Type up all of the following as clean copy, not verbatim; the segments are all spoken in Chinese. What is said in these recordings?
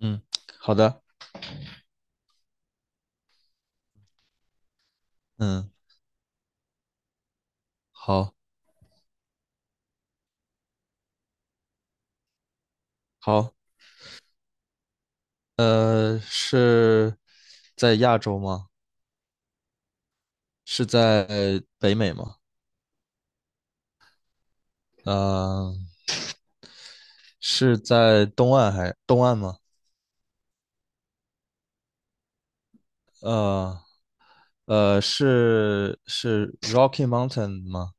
嗯，好的，嗯，好，好，是在亚洲吗？是在北美吗？呃，是在东岸吗？呃是 Rocky Mountain 吗？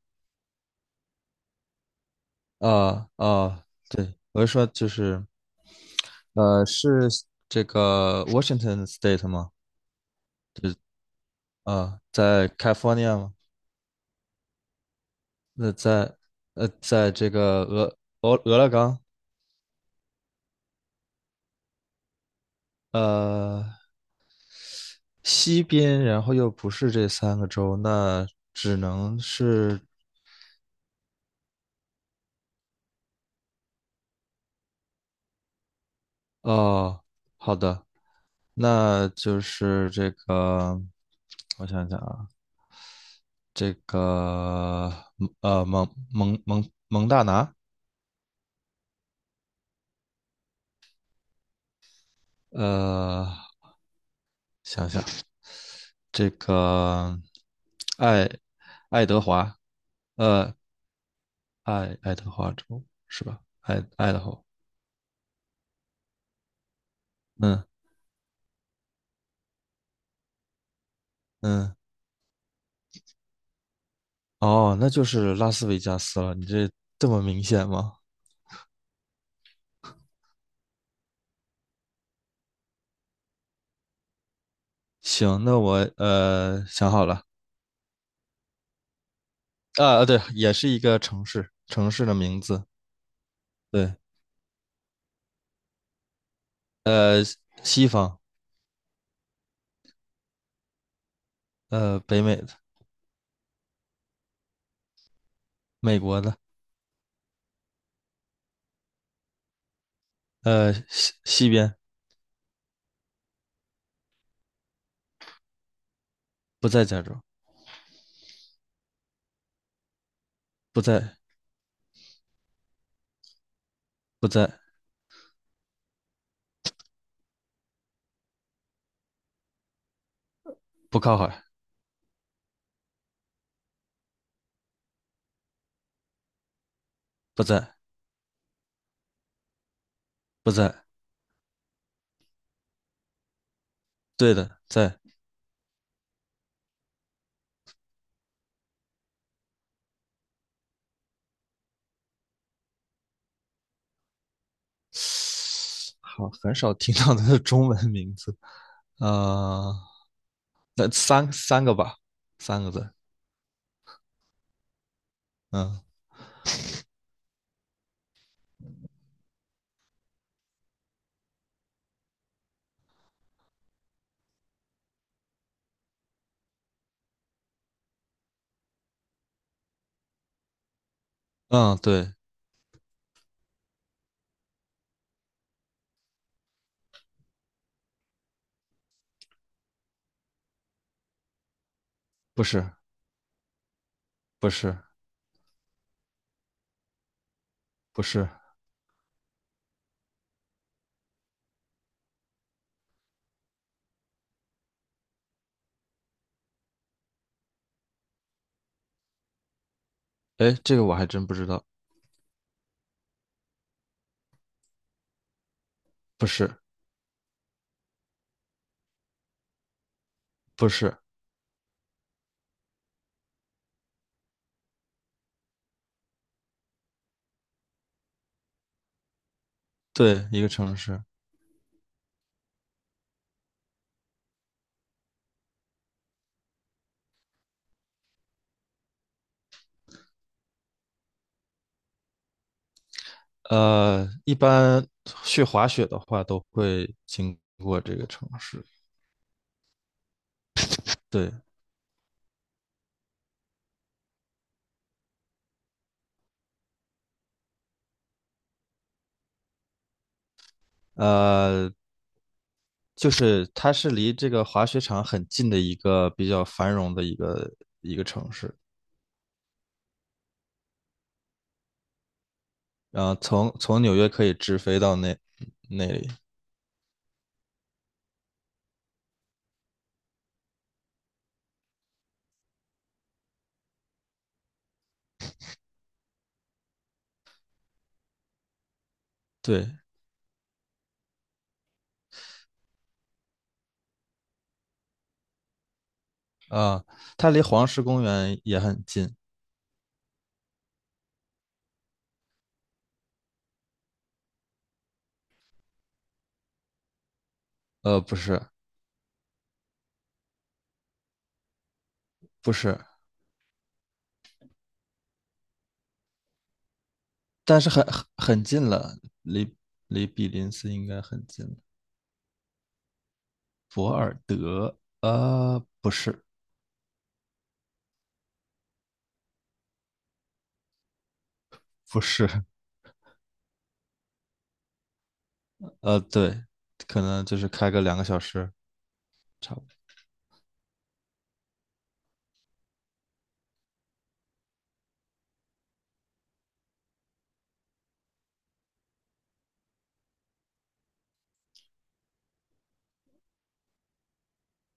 对，我是说就是是这个 Washington State 吗？在 California 吗？那在这个俄勒冈，呃，西边，然后又不是这三个州，那只能是哦，好的，那就是这个，我想想啊，这个蒙大拿，呃，想想这个爱爱德华，呃爱德华州是吧？爱德华，嗯嗯，哦，那就是拉斯维加斯了，你这么明显吗？行，那我想好了啊，啊对，也是一个城市，城市的名字，对，呃，西方，北美的，美国的，西边，不在加州，不在，不在，不靠海，不在，不在，对的，在，好，很少听到它的中文名字，啊，那三个吧，三个字，嗯嗯，对，不是，不是，不是，哎，这个我还真不知道，不是。不是，对，一个城市。一般去滑雪的话都会经过这个城市。对，呃，就是它是离这个滑雪场很近的一个比较繁荣的一个城市。然后从纽约可以直飞到那里。对，啊、它离黄石公园也很近。不是，不是，但是很近了，离离比林斯应该很近了。博尔德，不是，不是，对，可能就是开个2个小时，差不多。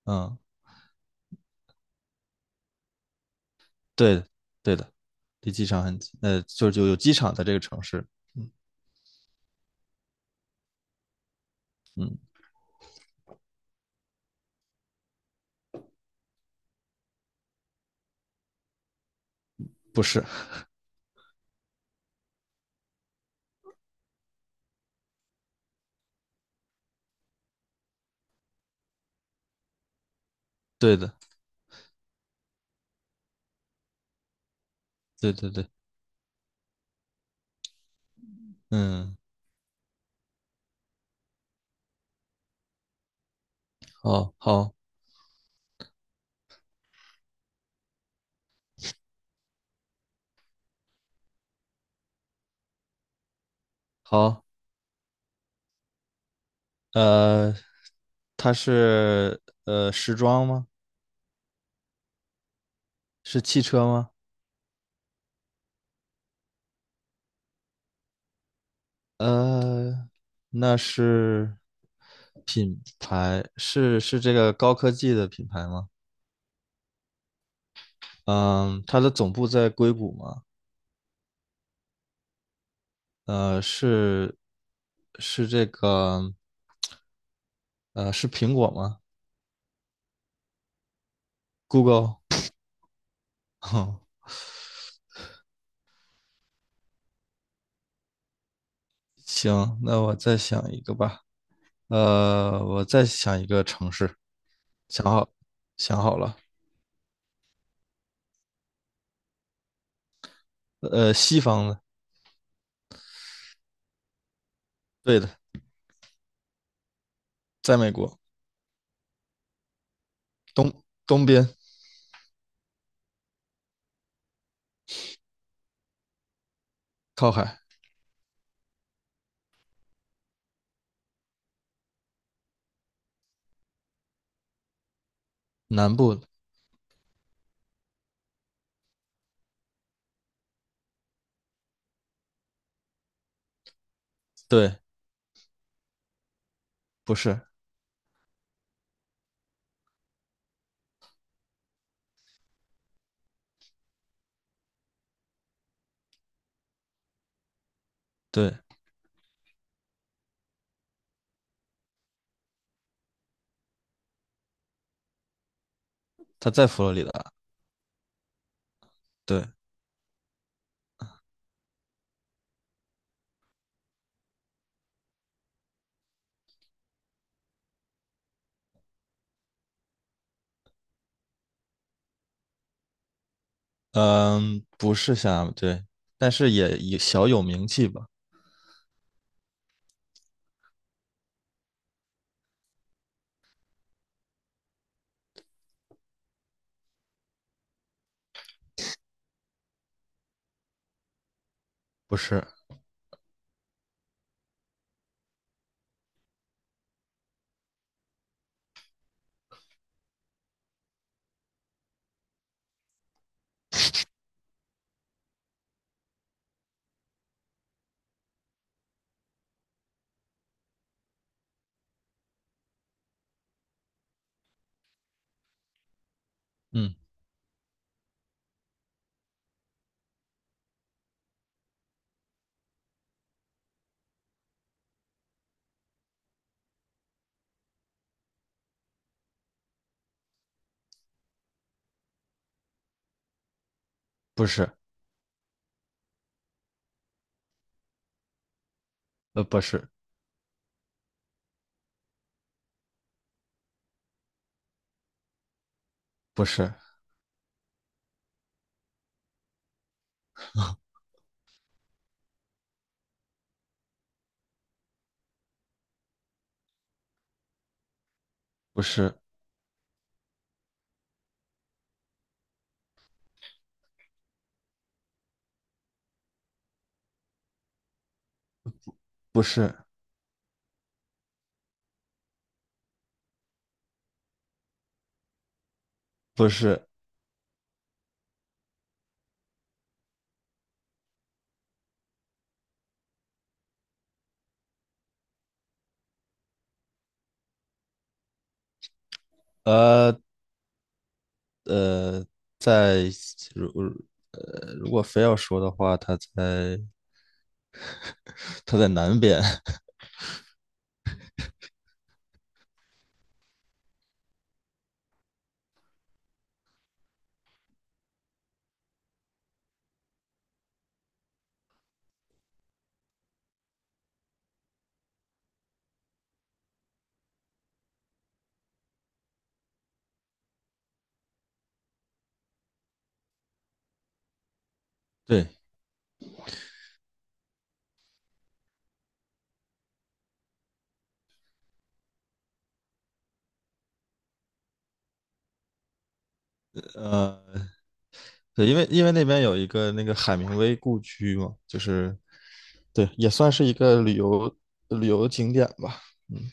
嗯，对的，对的，离机场很近，就有机场在这个城市。嗯嗯，不是，对的，对对对，嗯，好，好，好，呃，它是时装吗？是汽车吗？呃，那是品牌，是这个高科技的品牌吗？嗯，它的总部在硅谷吗？呃，是是这个，是苹果吗？Google，哼，行，那我再想一个吧，我再想一个城市，想好，想好了，西方的，对的，在美国东边靠海，南部的对，不是，对，它在佛罗里达，对，嗯，不是像对，但是也小有名气吧，不是。嗯。不是，不是，不是，不是，不是，不是，呃呃，在如如果非要说的话，它在南边，对，呃，对，因为那边有一个那个海明威故居嘛，就是对，也算是一个旅游景点吧，嗯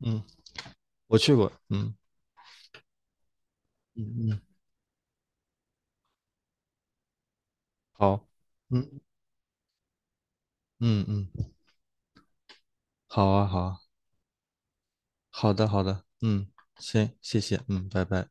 嗯，我去过，嗯嗯嗯，好，嗯嗯嗯，好啊好啊。好的，好的，嗯，行，谢谢，嗯，拜拜。